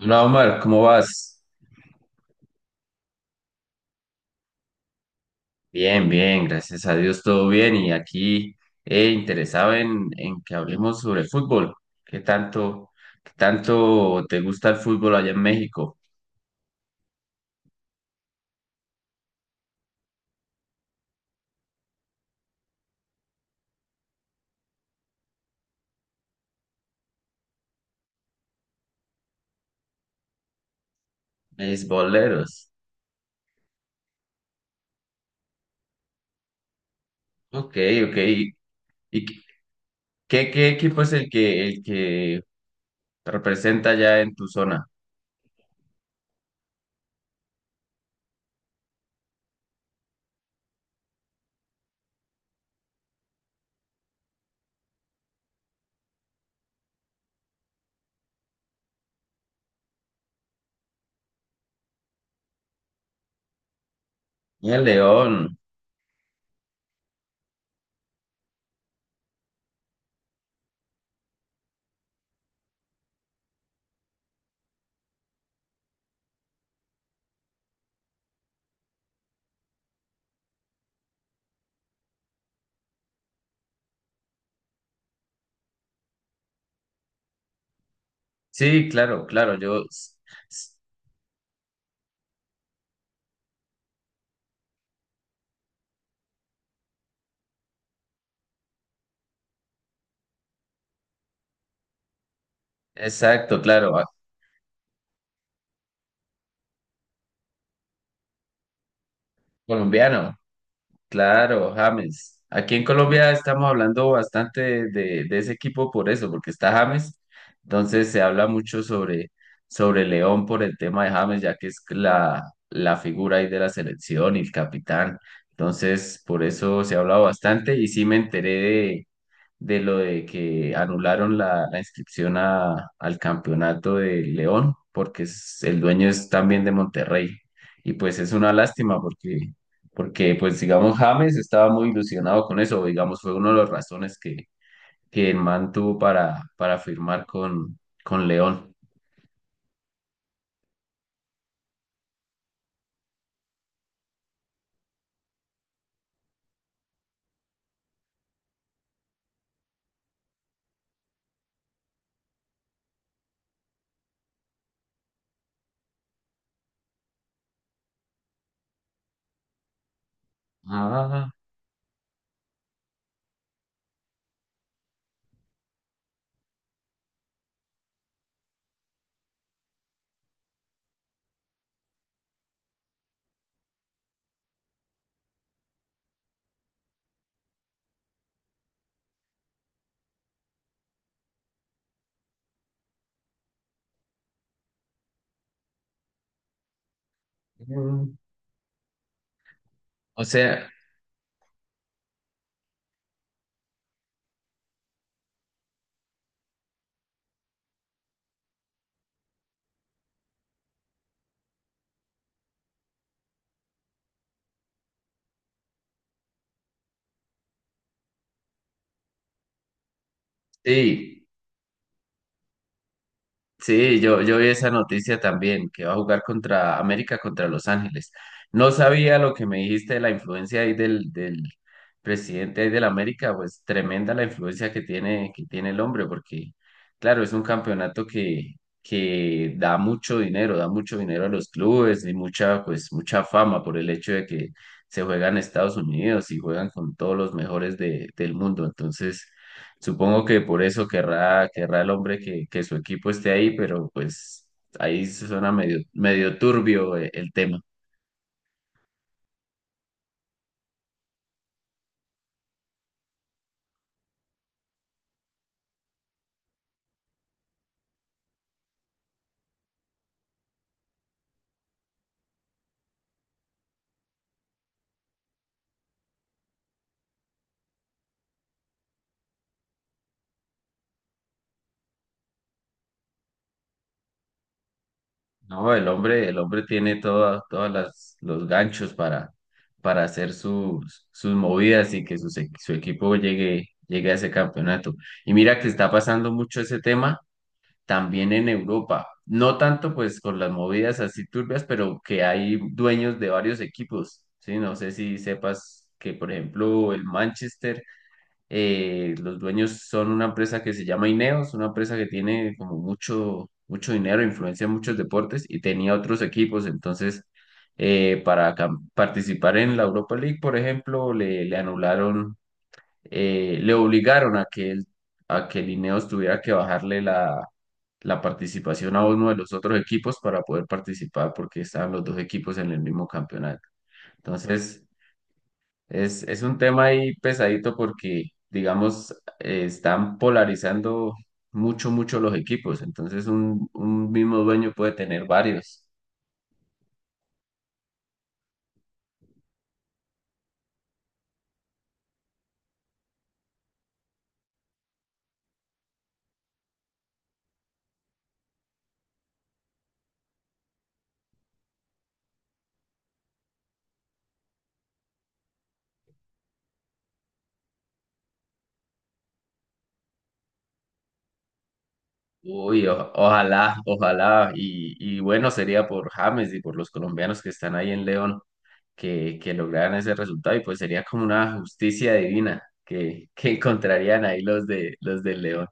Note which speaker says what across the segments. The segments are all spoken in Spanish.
Speaker 1: Hola Omar, ¿cómo vas? Bien, bien, gracias a Dios, todo bien. Y aquí interesado en que hablemos sobre fútbol. ¿Qué tanto, ¿Qué tanto te gusta el fútbol allá en México? Beisboleros. Ok, ok. ¿Y qué equipo es el que te representa allá en tu zona? Y El León. Sí, claro, claro, s- exacto, claro. Colombiano. Claro, James. Aquí en Colombia estamos hablando bastante de, de ese equipo por eso, porque está James. Entonces se habla mucho sobre León por el tema de James, ya que es la figura ahí de la selección y el capitán. Entonces, por eso se ha hablado bastante y sí me enteré de lo de que anularon la inscripción al campeonato de León, porque el dueño es también de Monterrey. Y pues es una lástima porque pues digamos James estaba muy ilusionado con eso, digamos fue una de las razones que el man tuvo para firmar con León. Ah, mm, o sea, sí. Sí, yo vi esa noticia también, que va a jugar contra América, contra Los Ángeles. No sabía lo que me dijiste de la influencia ahí del presidente ahí del América, pues tremenda la influencia que tiene el hombre, porque claro, es un campeonato que da mucho dinero a los clubes y mucha, pues, mucha fama por el hecho de que se juega en Estados Unidos y juegan con todos los mejores de, del mundo. Entonces, supongo que por eso querrá el hombre que su equipo esté ahí, pero pues ahí suena medio turbio el tema. No, el hombre tiene todas los ganchos para hacer sus, sus movidas y que su equipo llegue a ese campeonato. Y mira que está pasando mucho ese tema también en Europa. No tanto pues con las movidas así turbias, pero que hay dueños de varios equipos, ¿sí? No sé si sepas que, por ejemplo, el Manchester, los dueños son una empresa que se llama Ineos, una empresa que tiene como mucho, mucho dinero, influencia en muchos deportes y tenía otros equipos, entonces para participar en la Europa League, por ejemplo, le anularon, le obligaron a que a que el Ineos tuviera que bajarle la participación a uno de los otros equipos para poder participar porque estaban los dos equipos en el mismo campeonato. Entonces, es un tema ahí pesadito porque, digamos, están polarizando mucho los equipos. Entonces, un mismo dueño puede tener varios. Uy, ojalá, ojalá. Y bueno, sería por James y por los colombianos que están ahí en León, que lograran ese resultado y pues sería como una justicia divina que encontrarían ahí los de los del León.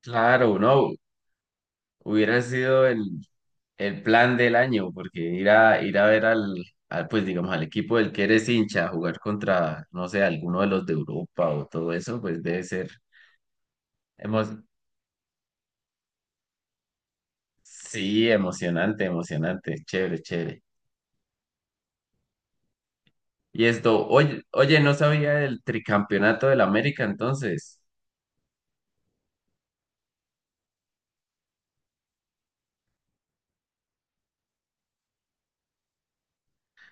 Speaker 1: Claro, no, hubiera sido el plan del año, porque ir ir a ver al, pues digamos, al equipo del que eres hincha, jugar contra, no sé, alguno de los de Europa o todo eso, pues debe ser emo- sí, emocionante, emocionante, chévere, chévere. Y esto, oye, oye, no sabía del tricampeonato del América entonces.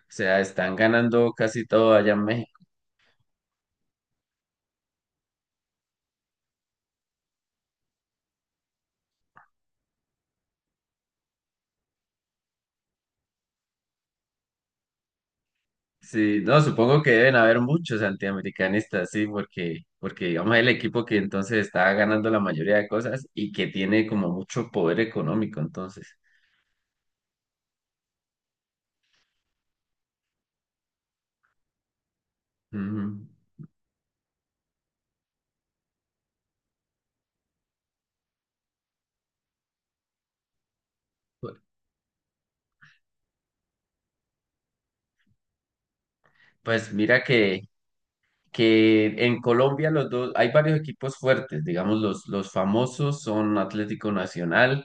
Speaker 1: O sea, están ganando casi todo allá en México. Sí, no, supongo que deben haber muchos antiamericanistas, sí, porque, porque digamos el equipo que entonces está ganando la mayoría de cosas y que tiene como mucho poder económico, entonces. Ujú. Pues mira que en Colombia los dos, hay varios equipos fuertes, digamos, los famosos son Atlético Nacional,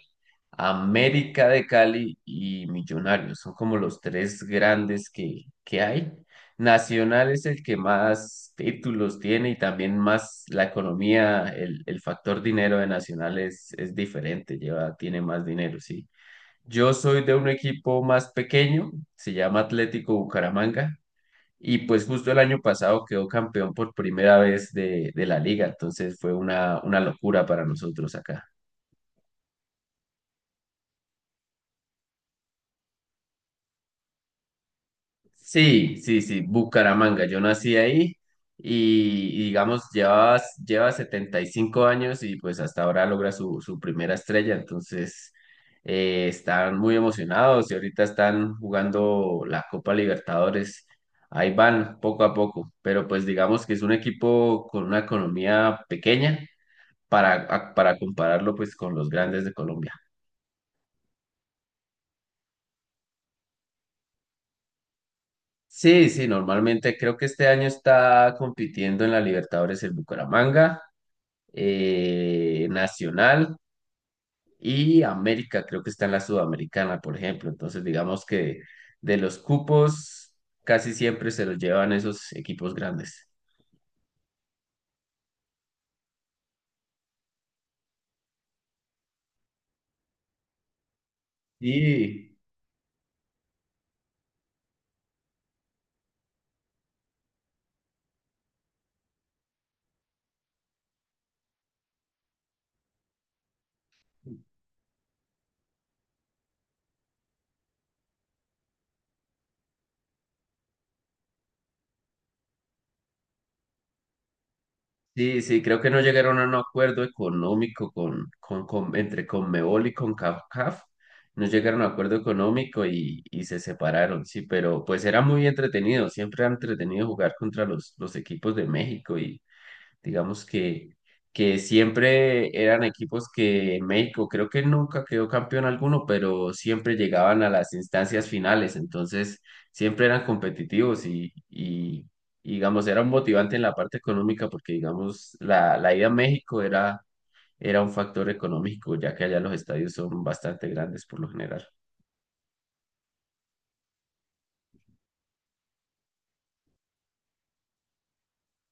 Speaker 1: América de Cali y Millonarios, son como los tres grandes que hay. Nacional es el que más títulos tiene y también más la economía, el factor dinero de Nacional es diferente, lleva, tiene más dinero, sí. Yo soy de un equipo más pequeño, se llama Atlético Bucaramanga, y pues justo el año pasado quedó campeón por primera vez de la liga, entonces fue una locura para nosotros acá. Sí, sí, sí, Bucaramanga, yo nací ahí y digamos lleva 75 años y pues hasta ahora logra su, su primera estrella, entonces están muy emocionados y ahorita están jugando la Copa Libertadores. Ahí van poco a poco, pero pues digamos que es un equipo con una economía pequeña para compararlo pues con los grandes de Colombia. Sí, sí, normalmente creo que este año está compitiendo en la Libertadores el Bucaramanga, Nacional y América, creo que está en la Sudamericana, por ejemplo. Entonces, digamos que de los cupos casi siempre se los llevan esos equipos grandes. Sí. Sí, sí, creo que no llegaron a un acuerdo económico entre Conmebol y con CONCACAF. No llegaron a un acuerdo económico y se separaron, sí, pero pues era muy entretenido. Siempre era entretenido jugar contra los equipos de México. Digamos que siempre eran equipos que México creo que nunca quedó campeón alguno, pero siempre llegaban a las instancias finales, entonces siempre eran competitivos y, digamos, era un motivante en la parte económica porque, digamos, la ida a México era un factor económico, ya que allá los estadios son bastante grandes por lo general.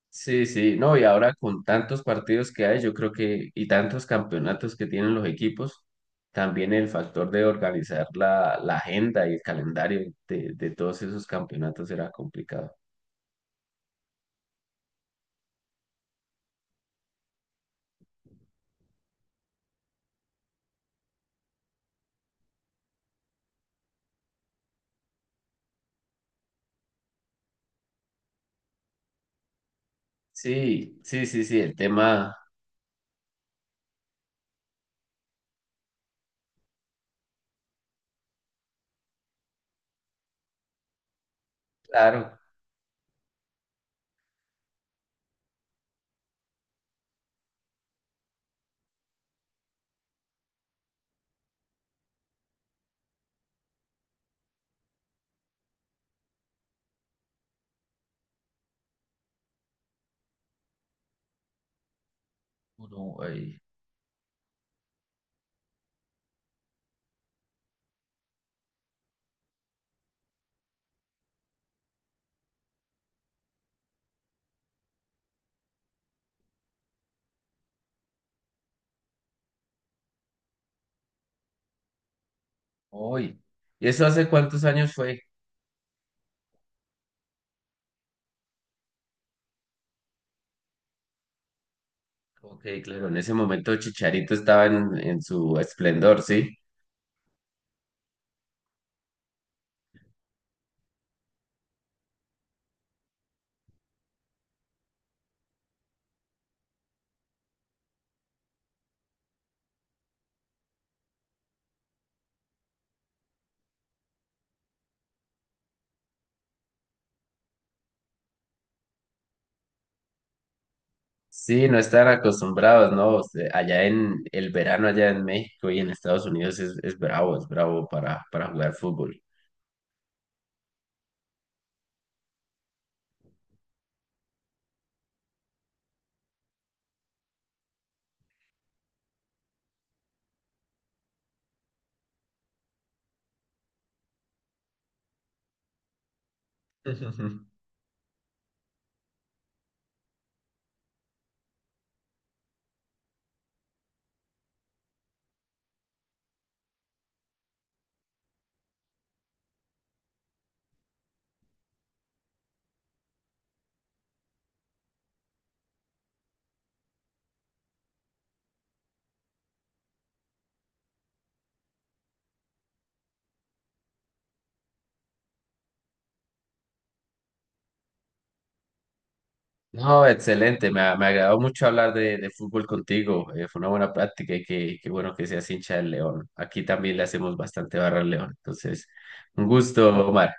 Speaker 1: Sí, sí, no, y ahora con tantos partidos que hay, yo creo que, y tantos campeonatos que tienen los equipos, también el factor de organizar la agenda y el calendario de todos esos campeonatos era complicado. Sí, sí, sí, sí, el tema, claro, Uruguay, hoy. ¿Y eso hace cuántos años fue? Ok, claro, en ese momento Chicharito estaba en su esplendor, ¿sí? Sí, no estar acostumbrados, ¿no? O sea, allá en el verano, allá en México y en Estados Unidos es bravo para jugar fútbol. No, excelente, me, me agradó mucho hablar de fútbol contigo, fue una buena práctica y qué, qué bueno que seas hincha del León. Aquí también le hacemos bastante barra al León, entonces, un gusto, Omar.